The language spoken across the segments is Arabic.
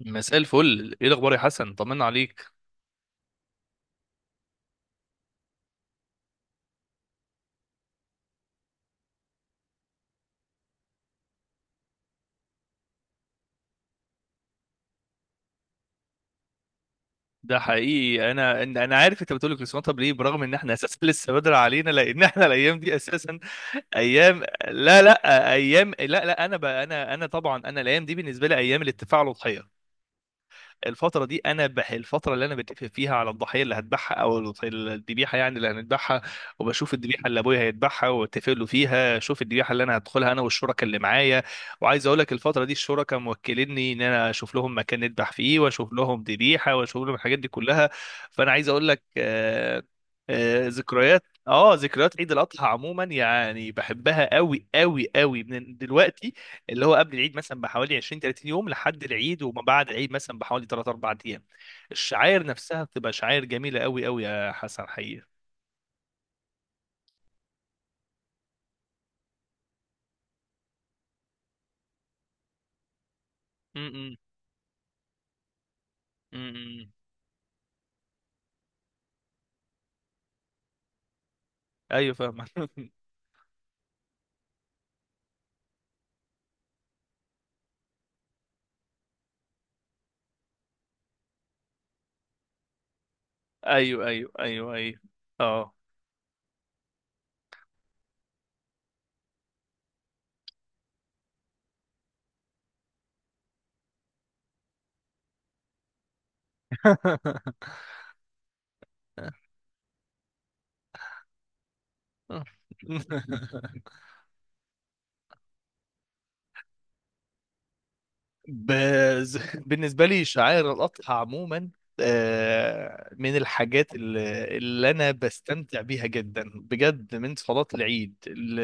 مساء الفل، ايه الاخبار يا حسن؟ طمنا عليك. ده حقيقي، انا عارف انت بتقول الكريسماس. طب ليه؟ برغم ان احنا اساسا لسه بدري علينا، لان احنا الايام دي اساسا ايام، لا لا، ايام، لا لا، انا طبعا انا الايام دي بالنسبه لي ايام الاتفاق على الاضحيه. الفترة دي أنا بح الفترة اللي أنا بتفق فيها على الضحية اللي هذبحها، الذبيحة، يعني اللي هنذبحها، وبشوف الذبيحة اللي أبويا هيذبحها وأتفق له فيها، أشوف الذبيحة اللي أنا هدخلها أنا والشركاء اللي معايا. وعايز أقول لك الفترة دي الشركاء موكليني إن أنا أشوف لهم مكان نذبح فيه وأشوف لهم ذبيحة وأشوف لهم الحاجات دي كلها. فأنا عايز أقول لك ذكريات ذكريات عيد الاضحى عموما، يعني بحبها قوي قوي قوي من دلوقتي، اللي هو قبل العيد مثلا بحوالي 20 30 يوم لحد العيد، وما بعد العيد مثلا بحوالي 3 4 ايام. الشعاير نفسها بتبقى شعاير جميله قوي قوي يا حسن، حقيقه. م- م- م- م. ايوه فاهم. ايوه ايوه ايوه ايوه. اه. بز... بالنسبة لي شعائر الأضحى عموما، من الحاجات اللي أنا بستمتع بيها جدا بجد، من صلاة العيد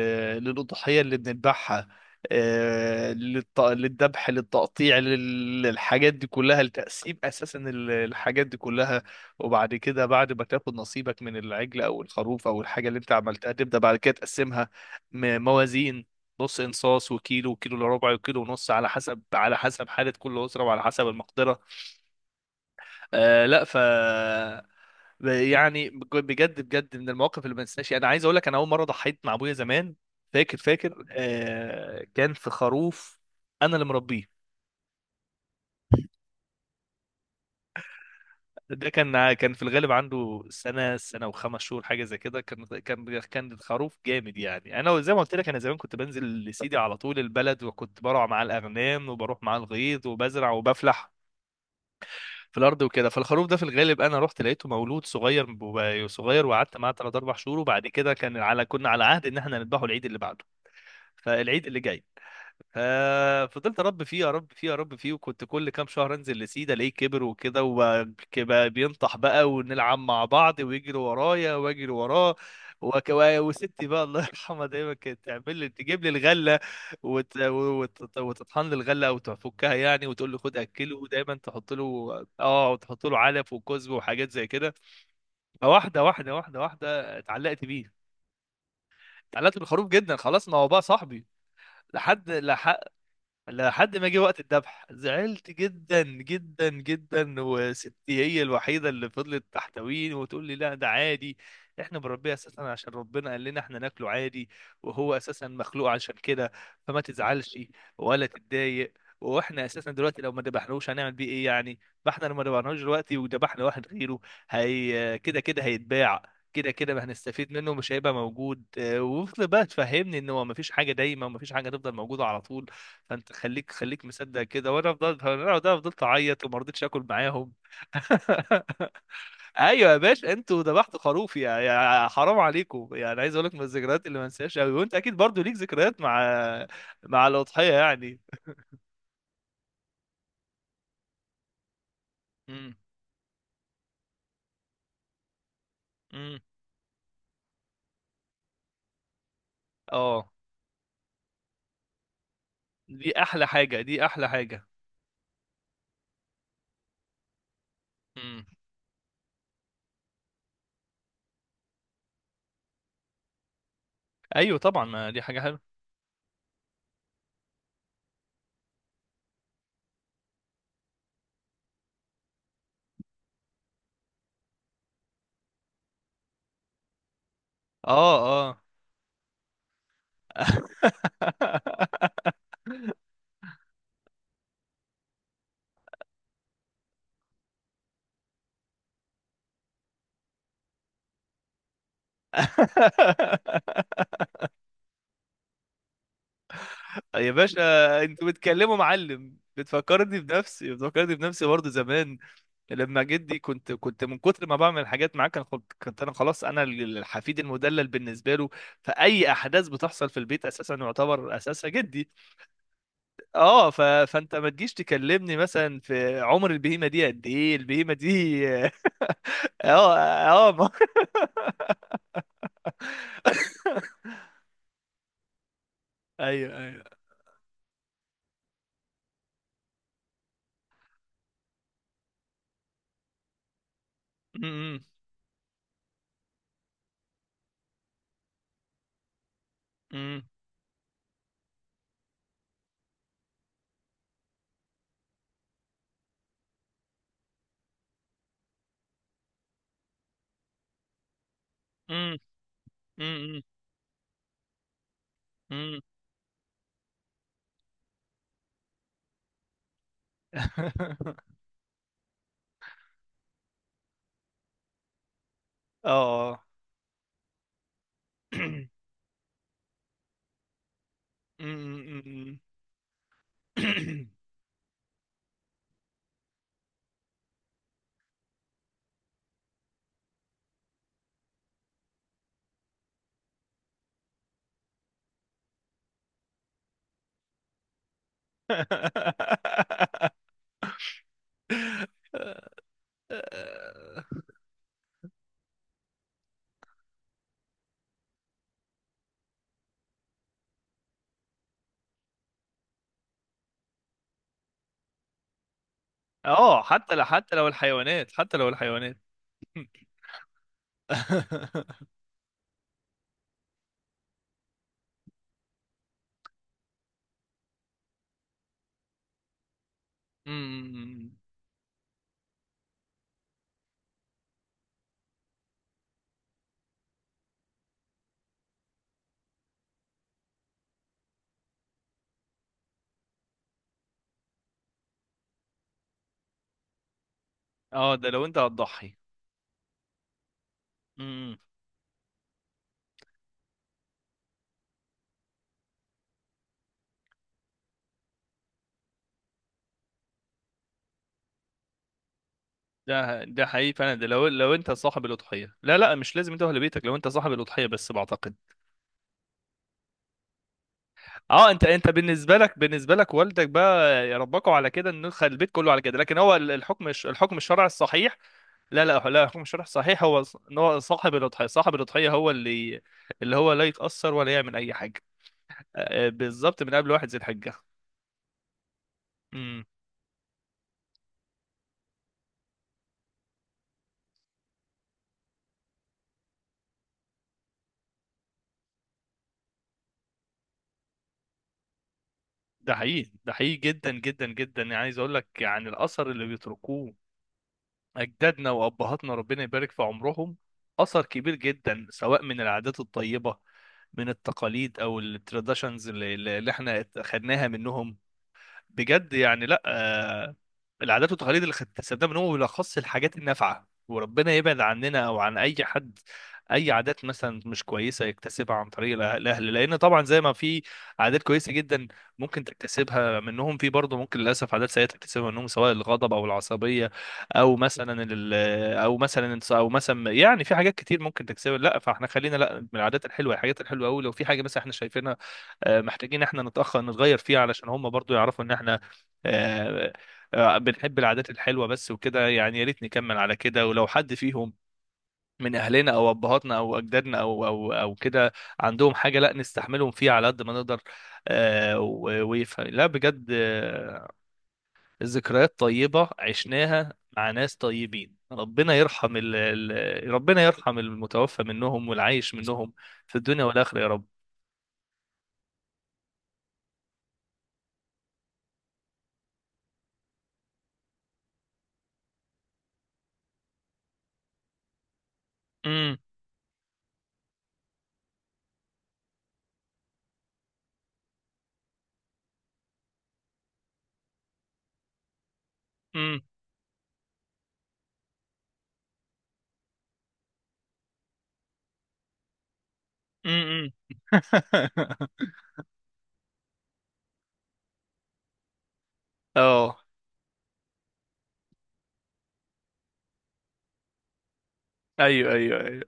للأضحية اللي بنذبحها، للذبح، للتقطيع، للحاجات دي كلها، لتقسيم أساسا الحاجات دي كلها. وبعد كده، بعد ما تاخد نصيبك من العجل أو الخروف أو الحاجة اللي أنت عملتها، تبدأ بعد كده تقسمها، موازين، نص انصاص وكيلو وكيلو الا ربع وكيلو ونص، على حسب، على حسب حالة كل أسرة وعلى حسب المقدرة. آه لا ف يعني بجد بجد من المواقف اللي ما انساهاش، انا عايز اقول لك، انا اول مرة ضحيت مع ابويا زمان، فاكر فاكر آه كان في خروف انا اللي مربيه. ده كان كان في الغالب عنده سنة سنة وخمس شهور حاجة زي كده. كان كان كان الخروف جامد يعني. أنا زي ما قلت لك، أنا زمان كنت بنزل لسيدي على طول البلد، وكنت بروح مع الأغنام وبروح مع الغيط وبزرع وبفلح في الارض وكده. فالخروف ده في الغالب انا رحت لقيته مولود صغير صغير، وقعدت معاه 3 4 شهور، وبعد كده كان على، كنا على عهد ان احنا نذبحه العيد اللي بعده، فالعيد اللي جاي ففضلت اربي فيه اربي فيه اربي فيه. وكنت كل كام شهر انزل لسيده الاقيه كبر وكده، وبقى بينطح بقى ونلعب مع بعض ويجري ورايا واجري وراه. وك... وستي بقى الله يرحمها دايما كانت تعمل لي تجيب لي الغله، وتطحن لي الغله او تفكها يعني، وتقول لي خد اكله، ودايما تحط له اه، وتحط له علف وكزب وحاجات زي كده. فواحده واحده اتعلقت بيه، اتعلقت بالخروف جدا خلاص، ما هو بقى صاحبي. لحد لحق لحد ما جه وقت الذبح زعلت جدا جدا جدا، وستي هي الوحيده اللي فضلت تحتويني وتقول لي لا ده عادي، احنا بنربيه اساسا عشان ربنا قال لنا احنا ناكله عادي، وهو اساسا مخلوق عشان كده، فما تزعلش ولا تتضايق. واحنا اساسا دلوقتي لو ما ذبحناهوش هنعمل بيه ايه يعني؟ ما احنا لو ما ذبحناهوش دلوقتي وذبحنا واحد غيره، هي كده كده هيتباع، كده كده ما هنستفيد منه، مش هيبقى موجود. وفضل بقى تفهمني ان هو ما فيش حاجه دايما، وما فيش حاجه تفضل موجوده على طول، فانت خليك مصدق كده. وانا فضلت، انا ده فضلت اعيط وما رضيتش اكل معاهم. ايوه يا باشا، انتوا ذبحتوا خروف، يا يا حرام عليكم. يعني عايز اقول لك من الذكريات اللي ما انساهاش قوي، وانت اكيد برضو ليك ذكريات مع الاضحيه يعني. امم. امم. اه. دي احلى حاجه، دي احلى حاجه. امم. ايوه طبعا، ما دي حاجه حلوه. اه. اه. يا باشا، انتوا بتكلموا معلم، بتفكرني بنفسي، بتفكرني بنفسي برضه زمان لما جدي، كنت كنت من كتر ما بعمل حاجات معاه كان كنت انا خلاص، انا الحفيد المدلل بالنسبه له. فاي احداث بتحصل في البيت اساسا يعتبر اساسها جدي. اه فانت ما تجيش تكلمني مثلا في عمر البهيمه دي قد ايه، البهيمه دي. اه اه ايوه ايوه. م- م- م- م- م- م- م. اه. آه. م- م- م- اه حتى لو، حتى لو الحيوانات، حتى لو الحيوانات. م- اه، ده لو انت هتضحي. م- ده ده حقيقي فعلا، ده لو لو انت صاحب الاضحيه، لا لا مش لازم انت اهل بيتك. لو انت صاحب الاضحيه بس بعتقد، اه، انت انت بالنسبه لك، بالنسبه لك والدك بقى ربكوا على كده، ان البيت كله على كده، لكن هو الحكم الحكم الشرعي الصحيح، لا لا لا، الحكم الشرعي الصحيح هو ان هو صاحب الاضحيه، صاحب الاضحيه هو اللي، اللي هو لا يتاثر ولا يعمل اي حاجه، بالظبط، من قبل واحد ذي الحجه. امم. ده حقيقي، ده حقيقي جدا جدا جدا يعني. عايز اقول لك، يعني الاثر اللي بيتركوه أجدادنا وأبهاتنا ربنا يبارك في عمرهم، أثر كبير جدا، سواء من العادات الطيبة، من التقاليد، أو التراديشنز اللي احنا خدناها منهم، بجد يعني. لا العادات والتقاليد اللي اكتسبناها من هو بالاخص الحاجات النافعه، وربنا يبعد عننا او عن اي حد اي عادات مثلا مش كويسه يكتسبها عن طريق الاهل، لان طبعا زي ما في عادات كويسه جدا ممكن تكتسبها منهم، في برضه ممكن للاسف عادات سيئه تكتسبها منهم، سواء الغضب او العصبيه او مثلا ال- او مثلا، او مثلا، يعني في حاجات كتير ممكن تكتسبها. لا، فاحنا خلينا، لا، من العادات الحلوه، الحاجات الحلوه قوي، لو في حاجه مثلا احنا شايفينها محتاجين احنا نتأخر نتغير فيه علشان هم برضو يعرفوا ان احنا آه، بنحب العادات الحلوة بس، وكده يعني، يا ريت نكمل على كده. ولو حد فيهم من اهلنا او ابهاتنا او اجدادنا او او او كده عندهم حاجة، لا نستحملهم فيها على قد ما نقدر ويفهم. لا بجد، ذكريات طيبة عشناها مع ناس طيبين، ربنا يرحم ربنا يرحم المتوفى منهم والعايش منهم في الدنيا والآخرة يا رب. امم. امم. اه. ايوه ايوه ايوه.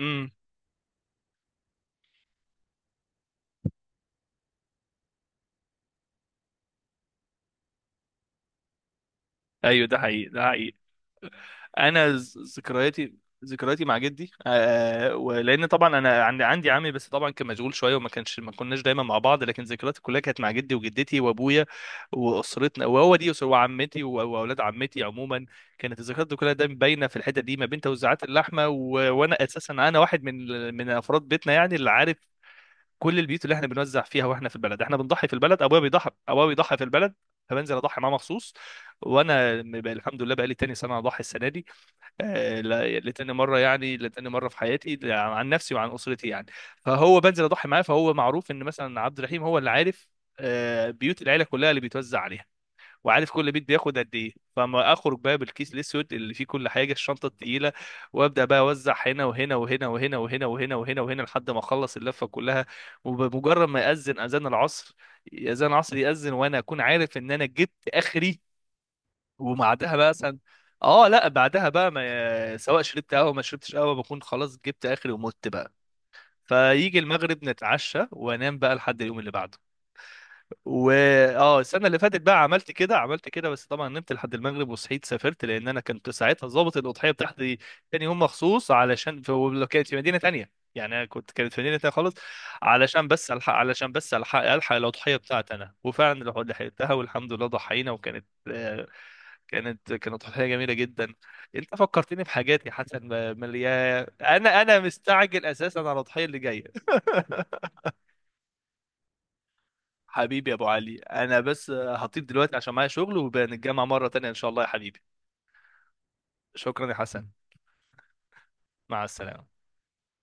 امم. ايوه ده حقيقي، ده حقيقي. ذكرياتي، ذكرياتي مع جدي آه، ولان طبعا انا عندي، عندي عمي بس طبعا كان مشغول شويه، وما كانش، ما كناش دايما مع بعض، لكن ذكرياتي كلها كانت مع جدي وجدتي وابويا واسرتنا، وهو دي اسره، وعمتي واولاد عمتي عموما. كانت الذكريات دي كلها دايما باينه في الحته دي ما بين توزيعات اللحمه وانا اساسا انا واحد من من افراد بيتنا، يعني اللي عارف كل البيوت اللي احنا بنوزع فيها. واحنا في البلد احنا بنضحي في البلد، ابويا بيضحي، ابويا بيضحي في البلد، فبنزل اضحي معاه مخصوص. وانا الحمد لله بقى لي تاني سنه اضحي السنه دي، لتاني مره، يعني لتاني مره في حياتي، عن نفسي وعن اسرتي يعني. فهو بنزل اضحي معاه، فهو معروف ان مثلا عبد الرحيم هو اللي عارف بيوت العيله كلها اللي بيتوزع عليها، وعارف كل بيت بياخد قد ايه. فما اخرج بقى بالكيس الاسود اللي فيه كل حاجه، الشنطه التقيله، وابدا بقى اوزع هنا وهنا وهنا وهنا وهنا وهنا وهنا وهنا لحد ما اخلص اللفه كلها. وبمجرد ما ياذن اذان العصر، اذان العصر ياذن وانا اكون عارف ان انا جبت اخري. وبعدها بقى مثلا، اه لا، بعدها بقى، ما سواء شربت قهوه، ما شربتش قهوه، بكون خلاص جبت اخري ومت بقى، فيجي المغرب نتعشى، وانام بقى لحد اليوم اللي بعده. و اه السنه اللي فاتت بقى عملت كده، عملت كده، بس طبعا نمت لحد المغرب وصحيت سافرت، لان انا كنت ساعتها ظابط الاضحيه بتاعتي تاني يوم مخصوص، علشان في، ولو كانت في مدينه تانية، يعني أنا كنت، كانت في مدينه تانية خالص، علشان بس الحق، علشان بس الحق، الحق الاضحيه بتاعتي انا، وفعلا لحقتها، والحمد لله ضحينا وكانت، كانت، كانت اضحيه جميله جدا. انت فكرتني بحاجات يا حسن، مليان، انا مستعجل اساسا على الاضحيه اللي جايه. حبيبي يا ابو علي، انا بس هطيب دلوقتي عشان معايا شغل، وبنتجمع مرة تانية ان شاء الله يا حبيبي. شكرا يا حسن. مع السلامة.